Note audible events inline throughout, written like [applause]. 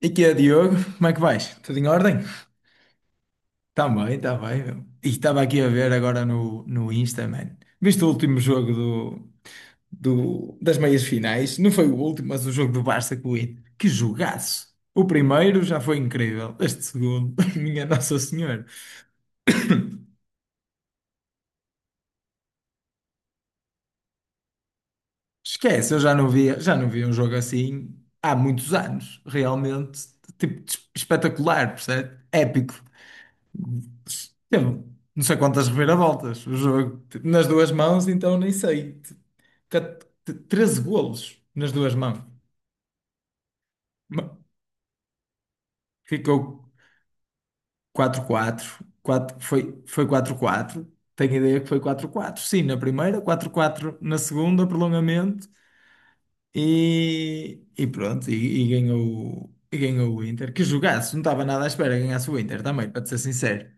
E que é, Diogo? Como é que vais? Tudo em ordem? Tá bem, tá bem. Meu. E estava aqui a ver agora no Insta, man. Viste o último jogo das meias finais? Não foi o último, mas o jogo do Barça com o Inter. Que jogaço! O primeiro já foi incrível. Este segundo, [laughs] minha Nossa Senhora. Esquece, eu já não via um jogo assim há muitos anos. Realmente, tipo, espetacular, percebe? Épico. Teve não sei quantas reviravoltas o jogo. Nas duas mãos, então nem sei. Cat- 13 golos nas duas mãos. Ma- Ficou quatro 4 foi 4 quatro Tenho ideia que foi 4 quatro Sim, na primeira, 4 quatro na segunda, prolongamento. E pronto, e ganhou o Inter. Que jogasse, não estava nada à espera que ganhasse o Inter também, para te ser sincero.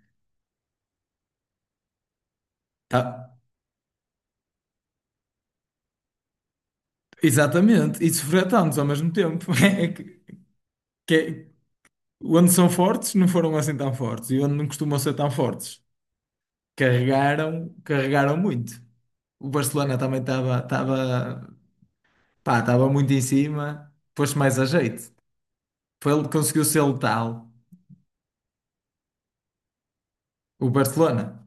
Tá, exatamente, e sofrer tantos ao mesmo tempo. [laughs] É que- que é- Onde são fortes, não foram assim tão fortes. E onde não costumam ser tão fortes, carregaram, carregaram muito. O Barcelona também pá, estava muito em cima, pôs-se mais a jeito. Foi ele que conseguiu ser letal, o Barcelona.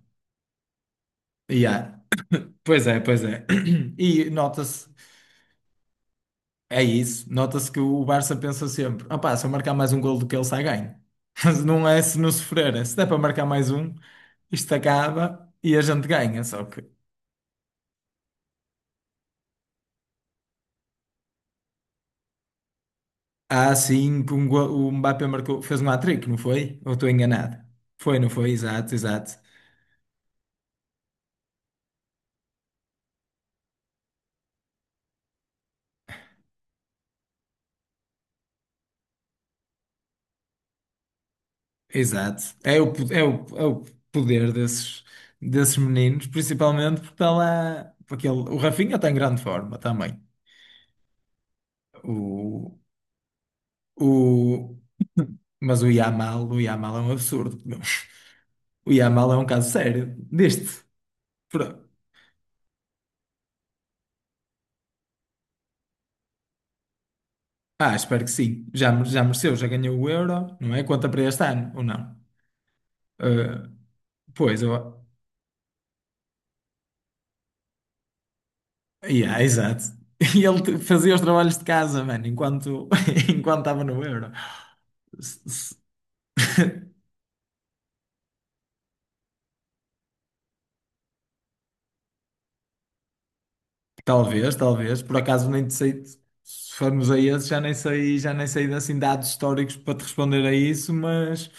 E há- Pois é, pois é. [clears throat] E nota-se, é isso, nota-se que o Barça pensa sempre: opá, se eu marcar mais um gol do que ele, sai ganho. [laughs] Mas não é se não sofrer, é se der para marcar mais um, isto acaba e a gente ganha. Só que. Ah, sim, o Mbappé marcou, fez um hat-trick, não foi? Ou estou enganado? Foi, não foi? Exato, exato, exato. É o, po- é o, é o poder desses meninos, principalmente porque está lá, porque ele, o Rafinha está em grande forma também. O, o, [coughs] mas o Yamal é um absurdo. Meu. O Yamal é um caso sério deste. Pro- Ah, espero que sim. Já mereceu, já ganhou o Euro, não é? Conta para este ano, ou não? Ah, pois, eu. Yeah, exato. [laughs] E ele fazia os trabalhos de casa, mano, enquanto [laughs] enquanto estava no Euro. S- s- [laughs] Talvez, talvez. Por acaso nem te sei. Se formos a esse, já nem sei assim dados históricos para te responder a isso,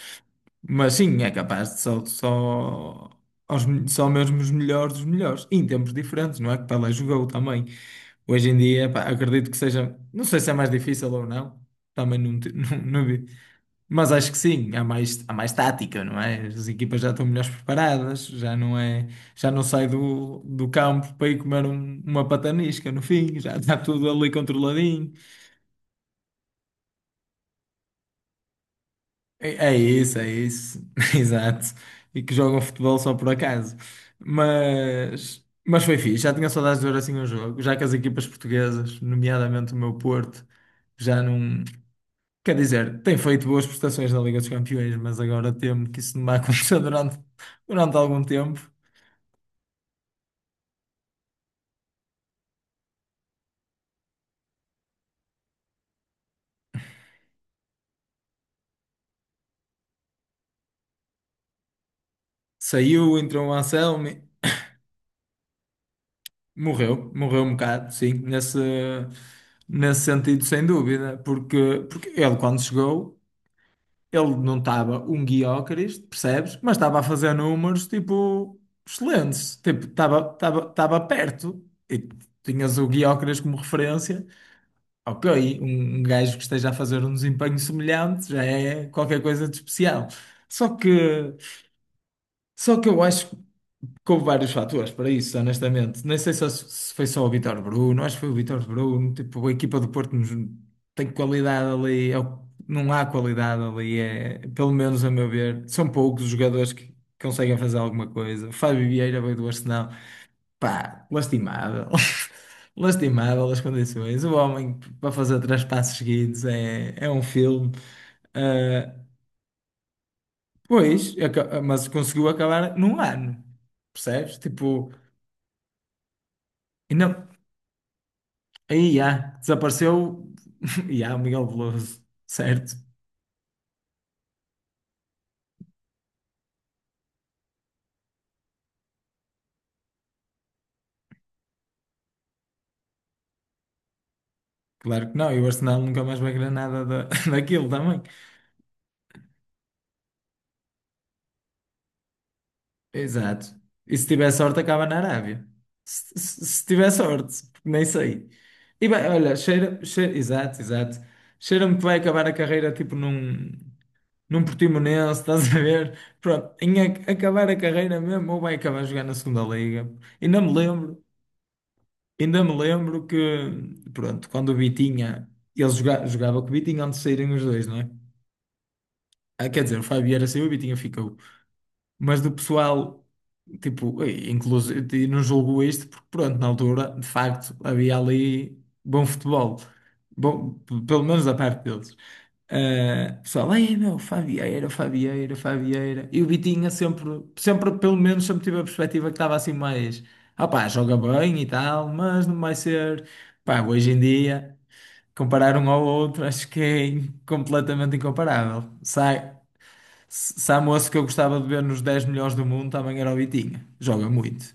mas sim, é capaz de só, só, aos, me- só mesmo os melhores dos melhores. E em tempos diferentes, não é? Que Pelé jogou também. Hoje em dia, pá, acredito que seja. Não sei se é mais difícil ou não. Também não, [laughs] não, não vi. Mas acho que sim, há mais tática, não é? As equipas já estão melhores preparadas, já não é, já não sai do campo para ir comer uma patanisca no fim, já está tudo ali controladinho. É isso, é isso, [laughs] exato. E que jogam futebol só por acaso. Mas foi fixe, já tinha saudades de ver assim um jogo, já que as equipas portuguesas, nomeadamente o meu Porto, já não. Quer dizer, tem feito boas prestações na Liga dos Campeões, mas agora temo que isso não vai acontecer [laughs] durante algum tempo. Saiu, entrou o Anselmo, e morreu um bocado, sim, nesse sentido, sem dúvida, porque ele, quando chegou, ele não estava um guiócaris, percebes? Mas estava a fazer números, tipo, excelentes, tipo, estava perto, e tinhas o guiócaris como referência ao que aí um gajo que esteja a fazer um desempenho semelhante já é qualquer coisa de especial. Só que, só que eu acho que houve vários fatores para isso, honestamente. Nem sei só se foi só o Vítor Bruno, acho que foi o Vítor Bruno, tipo, a equipa do Porto tem qualidade ali, não há qualidade ali, é, pelo menos a meu ver, são poucos os jogadores que conseguem fazer alguma coisa. O Fábio Vieira veio do Arsenal. Pá, lastimável. [laughs] Lastimável as condições. O homem para fazer três passos seguidos é um filme. Ah, pois, mas conseguiu acabar num ano. Percebes? Tipo, e não. Aí há, desapareceu. [laughs] E há o Miguel Veloso, certo? Claro que não, e o Arsenal nunca mais vai ganhar nada da, [laughs] daquilo também. Exato. E se tiver sorte, acaba na Arábia. Se tiver sorte, porque nem sei. E bem, olha, cheira, exato, exato. Cheira-me que vai acabar a carreira tipo num Portimonense, [laughs] estás a ver? Pronto, em acabar a carreira mesmo, ou vai acabar a jogar na segunda liga. Ainda me lembro, ainda me lembro que, pronto, quando o Vitinha, ele jogava com o Vitinha antes de saírem os dois, não é? Ah, quer dizer, o Fábio era saiu, e o Vitinha ficou. Mas do pessoal. Tipo, inclusive, não julgo isto porque, pronto, na altura, de facto, havia ali bom futebol. Bom, pelo menos da parte deles. Ah, pessoal, ai meu, Fabieira, Fabieira, Fabieira. E o Vitinha pelo menos, sempre tive a perspectiva que estava assim mais, ah pá, joga bem e tal, mas não vai ser. Pá, hoje em dia, comparar um ao outro, acho que é completamente incomparável. Sai. Se há moço que eu gostava de ver nos 10 melhores do mundo, também era o Vitinha. Joga muito.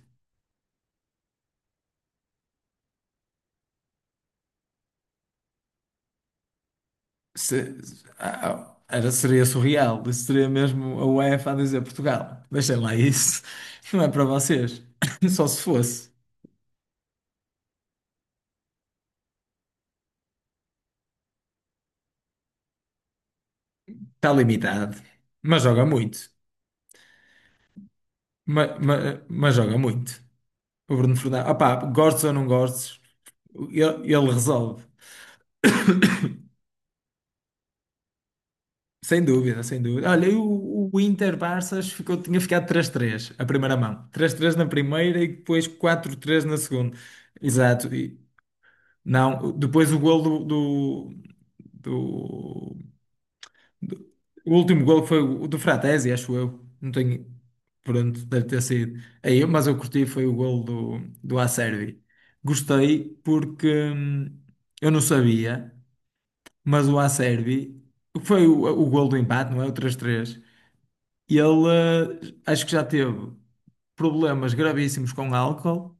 Seria surreal. Isso seria mesmo a UEFA a dizer Portugal. Deixem lá isso. [laughs] Não é para vocês. [laughs] Só se fosse. Está limitado. Mas joga muito. Mas, joga muito. O Bruno Fernandes. Opá, gostes ou não gostes, ele resolve. Sem dúvida, sem dúvida. Olha, e o Inter-Barças ficou, tinha ficado 3-3 a primeira mão. 3-3 na primeira e depois 4-3 na segunda. Exato. E, não, depois o gol do, do- do- O último gol foi o do Fratesi, acho eu. Não tenho... Pronto, deve ter sido. Aí, mas eu curti, foi o gol do, Acerbi. Gostei porque eu não sabia, mas o Acerbi foi o gol do empate, não é? O 3-3. E ele, acho que já teve problemas gravíssimos com álcool,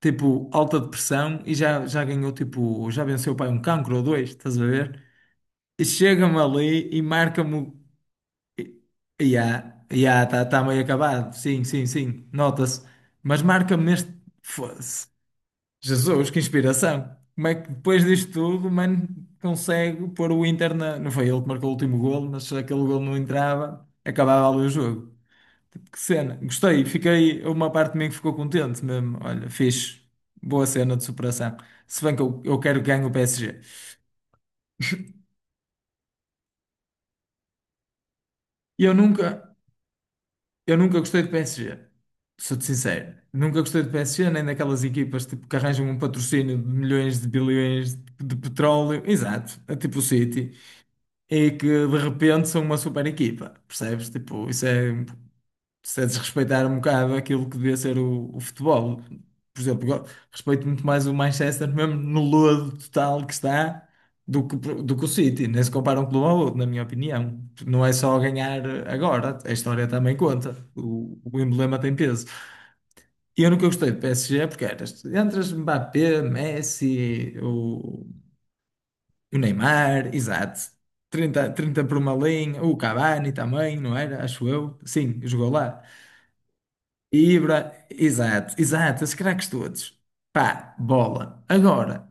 tipo alta depressão, e já ganhou, tipo, já venceu pai um cancro ou dois, estás a ver? E chega-me ali e marca-me. E- Ya, ya, está meio acabado. Sim, sim, sim, nota-se. Mas marca-me neste. Foda-se. Jesus, que inspiração! Como é que depois disto tudo, mano, consegue pôr o Inter na. Não foi ele que marcou o último golo, mas se aquele golo não entrava, acabava ali o jogo. Que cena, gostei, fiquei, uma parte de mim que ficou contente mesmo. Olha, fixe, boa cena de superação. Se bem que eu quero que ganhe o PSG. E eu nunca gostei do PSG, sou-te sincero. Nunca gostei do PSG, nem daquelas equipas tipo, que arranjam um patrocínio de milhões de bilhões de petróleo, exato, é tipo o City, e que de repente são uma super equipa, percebes? Tipo, isso é. Se a desrespeitar um bocado aquilo que devia ser o futebol. Por exemplo, eu respeito muito mais o Manchester, mesmo no lodo total que está, do que o City. Nem se compara um clube ao outro, na minha opinião. Não é só ganhar agora, a história também conta. O emblema tem peso. E eu nunca gostei do PSG porque eras, entre as Mbappé, Messi, o Neymar, exato. Trinta 30 por uma linha, o Cavani também, não era? Acho eu. Sim, jogou lá. Ibra, exato, exato, esses craques todos. Pá, bola. Agora,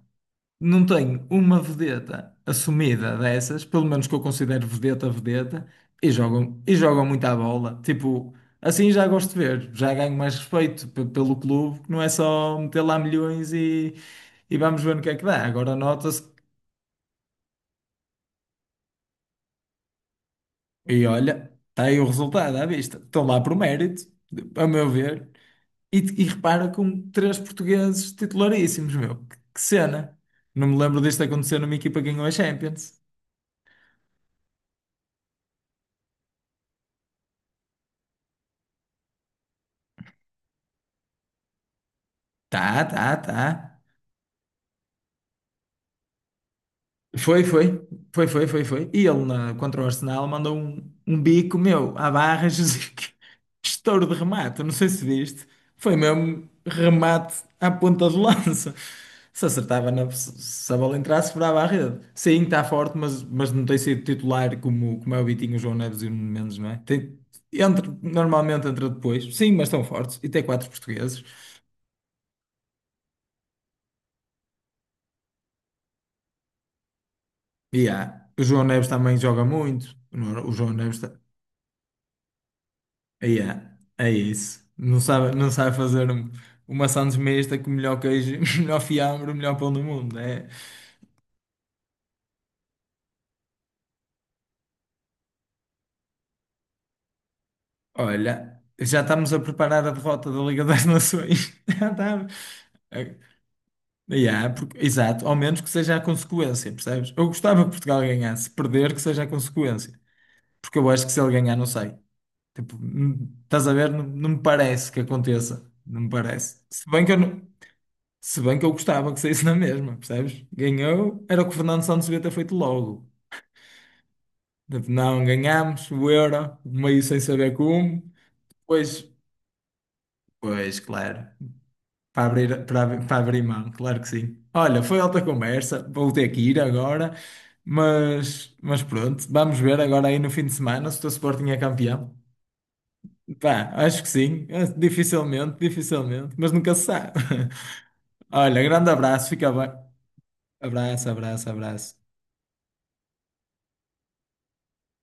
não tenho uma vedeta assumida dessas, pelo menos que eu considero vedeta, vedeta, e jogam muito à bola. Tipo, assim já gosto de ver, já ganho mais respeito pelo clube, que não é só meter lá milhões e vamos ver no que é que dá. Agora nota-se, e olha, está aí o resultado à vista. Estão lá por mérito, a meu ver. E repara com três portugueses titularíssimos, meu. Que cena. Não me lembro disto acontecer numa equipa que ganhou a Champions. Tá, tá, tá. Foi, foi, foi, foi, foi, foi. E ele contra o Arsenal mandou um, um bico meu à barra, [laughs] Jesus, que estouro de remate, não sei se viste. Foi mesmo remate à ponta de lança. Se acertava na, se se a bola entrasse, furava a rede. Sim, está forte, mas não tem sido titular como é o Vitinho, o João Neves e o Nuno Mendes, não é? Tem, entra, normalmente entra depois. Sim, mas estão fortes. E tem quatro portugueses. E há. O João Neves também joga muito. O João Neves. Yeah, é isso. Não sabe fazer uma sandes mista com o melhor queijo, [laughs] o melhor fiambre, o melhor pão do mundo. É. Olha, já estamos a preparar a derrota da Liga das Nações. [laughs] Já estamos. É, yeah, exato, ao menos que seja a consequência, percebes? Eu gostava que Portugal ganhasse, perder que seja a consequência. Porque eu acho que se ele ganhar, não sei. Tipo, estás a ver? Não, não me parece que aconteça. Não me parece. Se bem que eu não. Se bem que eu gostava que saísse na mesma, percebes? Ganhou, era o que o Fernando Santos devia ter feito logo. Tipo, não, ganhámos o Euro, meio sem saber como. Pois, pois, claro. Para abrir mão, claro que sim. Olha, foi alta conversa, vou ter que ir agora, mas pronto, vamos ver agora aí no fim de semana se o teu Sporting é campeão. Pá, acho que sim, dificilmente, dificilmente, mas nunca se sabe. [laughs] Olha, grande abraço, fica bem. Abraço, abraço, abraço.